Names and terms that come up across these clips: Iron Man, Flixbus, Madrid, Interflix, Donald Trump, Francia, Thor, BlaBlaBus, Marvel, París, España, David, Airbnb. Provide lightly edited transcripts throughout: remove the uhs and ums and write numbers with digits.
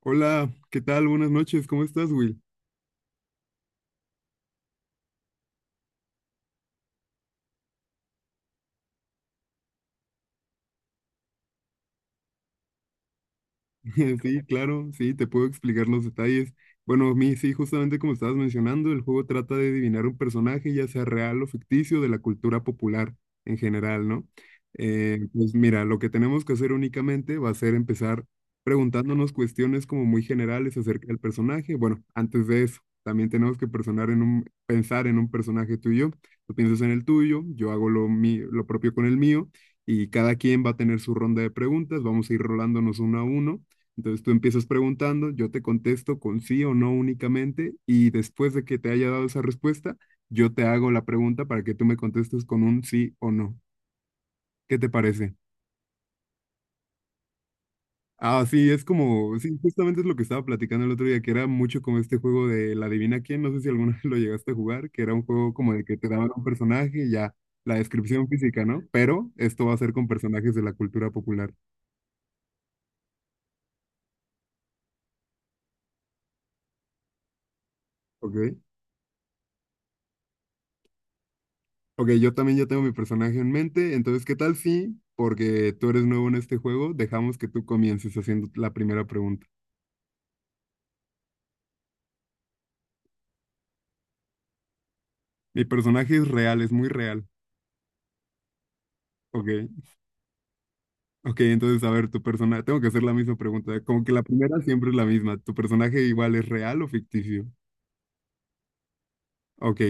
Hola, ¿qué tal? Buenas noches, ¿cómo estás, Will? Sí, claro, sí, te puedo explicar los detalles. Bueno, a mí sí, justamente como estabas mencionando, el juego trata de adivinar un personaje, ya sea real o ficticio, de la cultura popular en general, ¿no? Pues mira, lo que tenemos que hacer únicamente va a ser empezar preguntándonos cuestiones como muy generales acerca del personaje. Bueno, antes de eso, también tenemos que pensar en un personaje tuyo. Tú piensas en el tuyo, yo hago lo propio con el mío. Y cada quien va a tener su ronda de preguntas, vamos a ir rolándonos uno a uno, entonces tú empiezas preguntando, yo te contesto con sí o no únicamente, y después de que te haya dado esa respuesta, yo te hago la pregunta para que tú me contestes con un sí o no. ¿Qué te parece? Ah, sí, es como, sí, justamente es lo que estaba platicando el otro día, que era mucho como este juego de la adivina quién, no sé si alguna vez lo llegaste a jugar, que era un juego como de que te daban un personaje y ya la descripción física, ¿no? Pero esto va a ser con personajes de la cultura popular, ¿ok? Ok, yo también ya tengo mi personaje en mente, entonces, ¿qué tal si, porque tú eres nuevo en este juego, dejamos que tú comiences haciendo la primera pregunta? Mi personaje es real, es muy real. Ok, ok, entonces, a ver, tu personaje, tengo que hacer la misma pregunta, como que la primera siempre es la misma, ¿tu personaje igual es real o ficticio? Ok,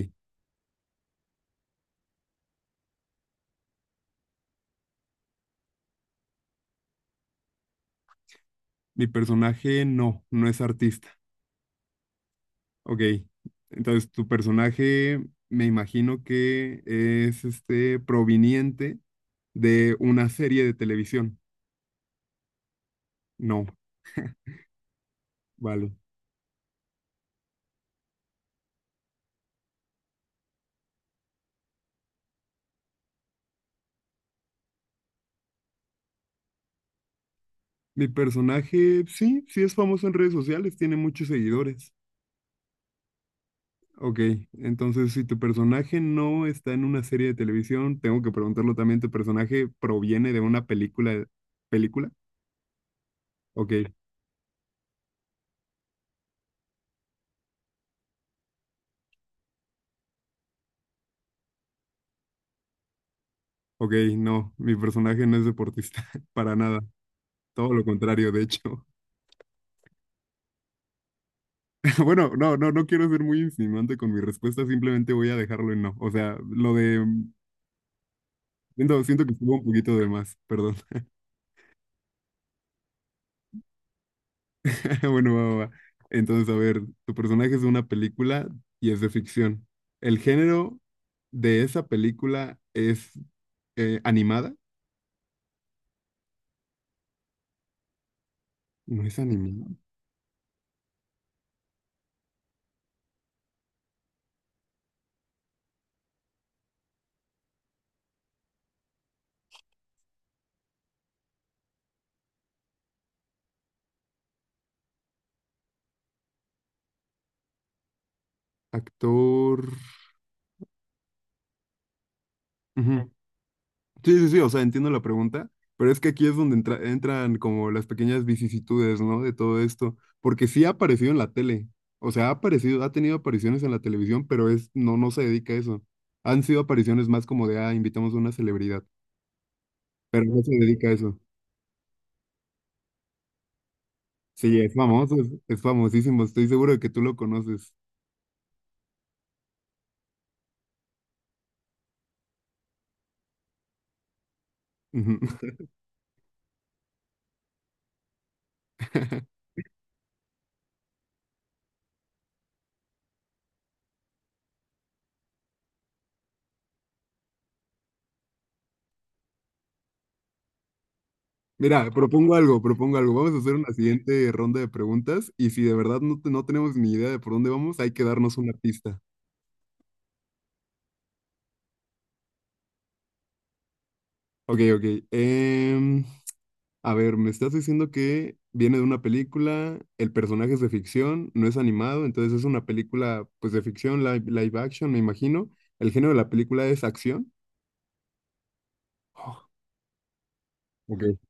mi personaje no es artista. Ok, entonces, tu personaje me imagino que es este proveniente de una serie de televisión. No, vale. Mi personaje, sí, sí es famoso en redes sociales, tiene muchos seguidores. Ok, entonces si tu personaje no está en una serie de televisión, tengo que preguntarlo también, ¿tu personaje proviene de una película? ¿Película? Ok, ok, no, mi personaje no es deportista, para nada, todo lo contrario, de hecho. Bueno, no quiero ser muy insinuante con mi respuesta, simplemente voy a dejarlo en no. O sea, lo de... Siento, siento que estuvo un poquito de más, perdón. Bueno, va. Entonces, a ver, tu personaje es de una película y es de ficción. El género de esa película es animada. No es animada. Actor. Ujú. Sí, o sea, entiendo la pregunta, pero es que aquí es donde entran como las pequeñas vicisitudes, ¿no? De todo esto, porque sí ha aparecido en la tele, o sea, ha aparecido, ha tenido apariciones en la televisión, pero es, no, no se dedica a eso. Han sido apariciones más como de, ah, invitamos a una celebridad, pero no se dedica a eso. Sí, es famoso, es famosísimo, estoy seguro de que tú lo conoces. Ujú. Mira, propongo algo, propongo algo. Vamos a hacer una siguiente ronda de preguntas y si de verdad no, no tenemos ni idea de por dónde vamos, hay que darnos una pista. Ok. em, a ver, me estás diciendo que viene de una película, el personaje es de ficción, no es animado, entonces es una película pues de ficción, live action, me imagino. El género de la película es acción. Oh, ok.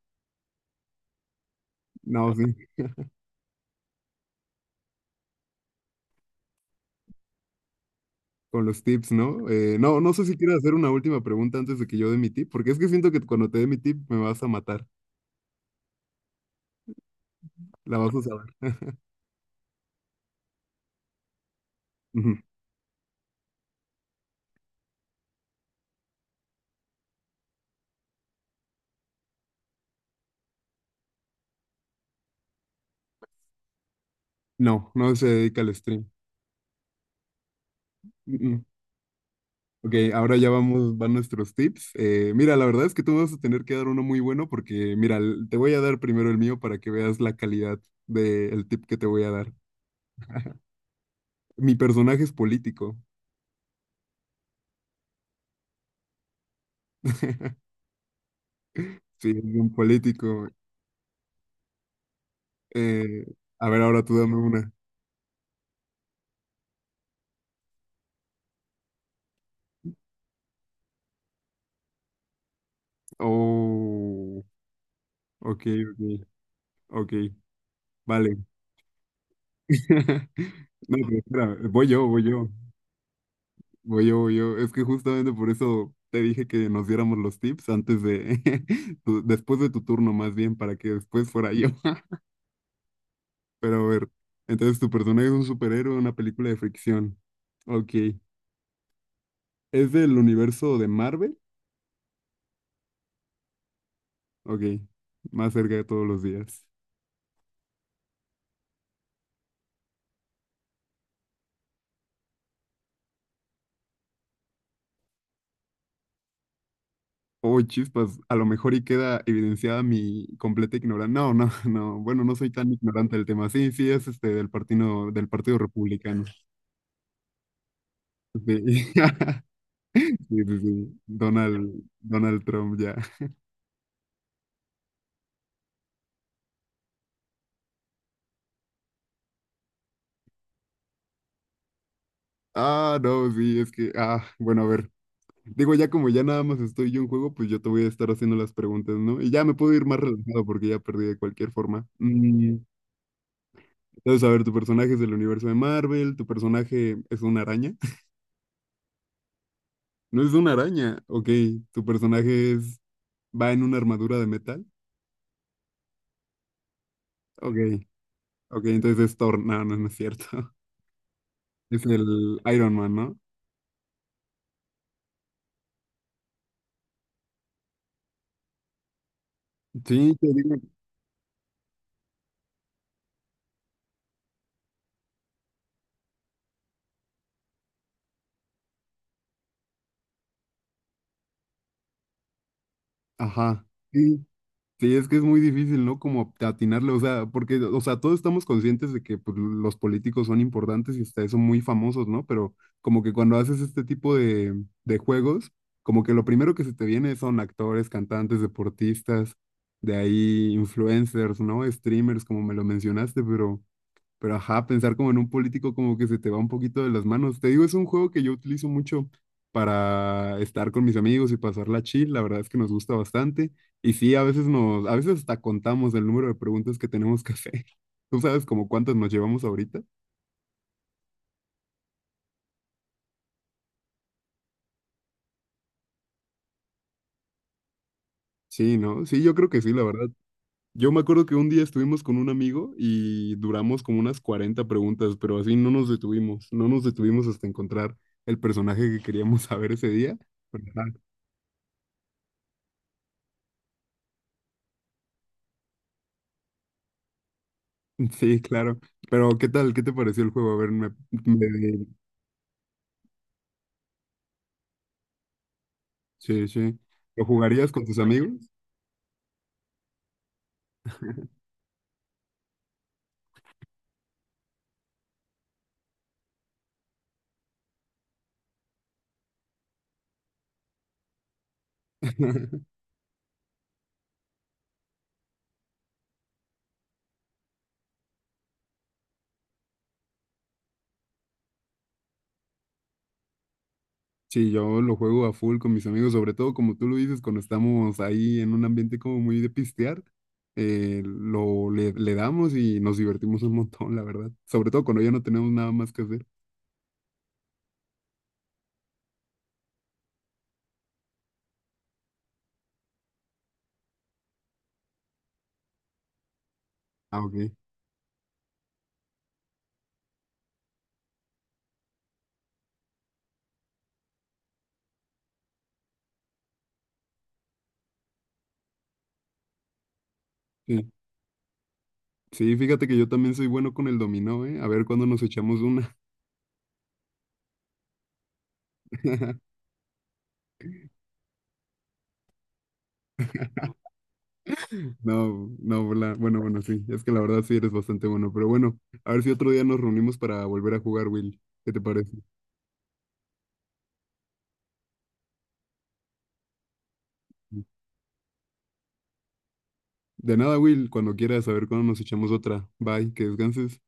No, sí. Con los tips, ¿no? No, no sé si quieres hacer una última pregunta antes de que yo dé mi tip, porque es que siento que cuando te dé mi tip me vas a matar, la vas a saber. Ujú. No, no se dedica al stream. Mm, mm. Ok, ahora ya vamos, van nuestros tips. Mira, la verdad es que tú me vas a tener que dar uno muy bueno porque, mira, te voy a dar primero el mío para que veas la calidad del tip que te voy a dar. Mi personaje es político. Sí, es un político. Eh, a ver, ahora tú dame una. Oh, ok, ok, ok. Vale. No, pero espera, voy yo. Es que justamente por eso te dije que nos diéramos los tips antes de, después de tu turno más bien, para que después fuera yo. Pero a ver, entonces tu personaje es un superhéroe en una película de fricción. Ok. ¿Es del universo de Marvel? Ok. Más cerca de todos los días. Oh, chispas, a lo mejor y queda evidenciada mi completa ignorancia. No. Bueno, no soy tan ignorante del tema. Sí, sí, es este del Partido Republicano. Sí. Sí. Donald, Donald Trump ya. Ah, no, sí, es que, ah, bueno, a ver. Digo, ya como ya nada más estoy yo en juego, pues yo te voy a estar haciendo las preguntas, ¿no? Y ya me puedo ir más relajado porque ya perdí de cualquier forma. Mm. Entonces, a ver, tu personaje es del universo de Marvel, tu personaje es una araña. No es una araña, ok. Tu personaje es, va en una armadura de metal. Ok, ok, entonces es Thor. No es cierto. Es el Iron Man, ¿no? Sí, te digo. Ajá. Sí, sí, es que es muy difícil, ¿no? Como atinarle, o sea, porque, o sea, todos estamos conscientes de que pues, los políticos son importantes y hasta eso muy famosos, ¿no? Pero como que cuando haces este tipo de juegos, como que lo primero que se te viene son actores, cantantes, deportistas, de ahí influencers, ¿no? Streamers, como me lo mencionaste, pero... Pero ajá, pensar como en un político como que se te va un poquito de las manos. Te digo, es un juego que yo utilizo mucho para estar con mis amigos y pasarla chill. La verdad es que nos gusta bastante. Y sí, a veces nos, a veces hasta contamos el número de preguntas que tenemos que hacer. ¿Tú sabes como cuántas nos llevamos ahorita? Sí, ¿no? Sí, yo creo que sí, la verdad. Yo me acuerdo que un día estuvimos con un amigo y duramos como unas 40 preguntas, pero así no nos detuvimos, no nos detuvimos hasta encontrar el personaje que queríamos saber ese día. Sí, claro. Pero, ¿qué tal? ¿Qué te pareció el juego? A ver, me- sí, sí. ¿Lo jugarías con tus amigos? Sí, yo lo juego a full con mis amigos, sobre todo como tú lo dices, cuando estamos ahí en un ambiente como muy de pistear, le damos y nos divertimos un montón, la verdad. Sobre todo cuando ya no tenemos nada más que hacer. Ah, ok. Sí, sí, fíjate que yo también soy bueno con el dominó, ¿eh? A ver cuándo nos echamos una. No, bueno, bueno, sí, es que la verdad sí eres bastante bueno, pero bueno, a ver si otro día nos reunimos para volver a jugar, Will. ¿Qué te parece? De nada, Will, cuando quieras, a ver cuándo nos echamos otra. Bye, que descanses.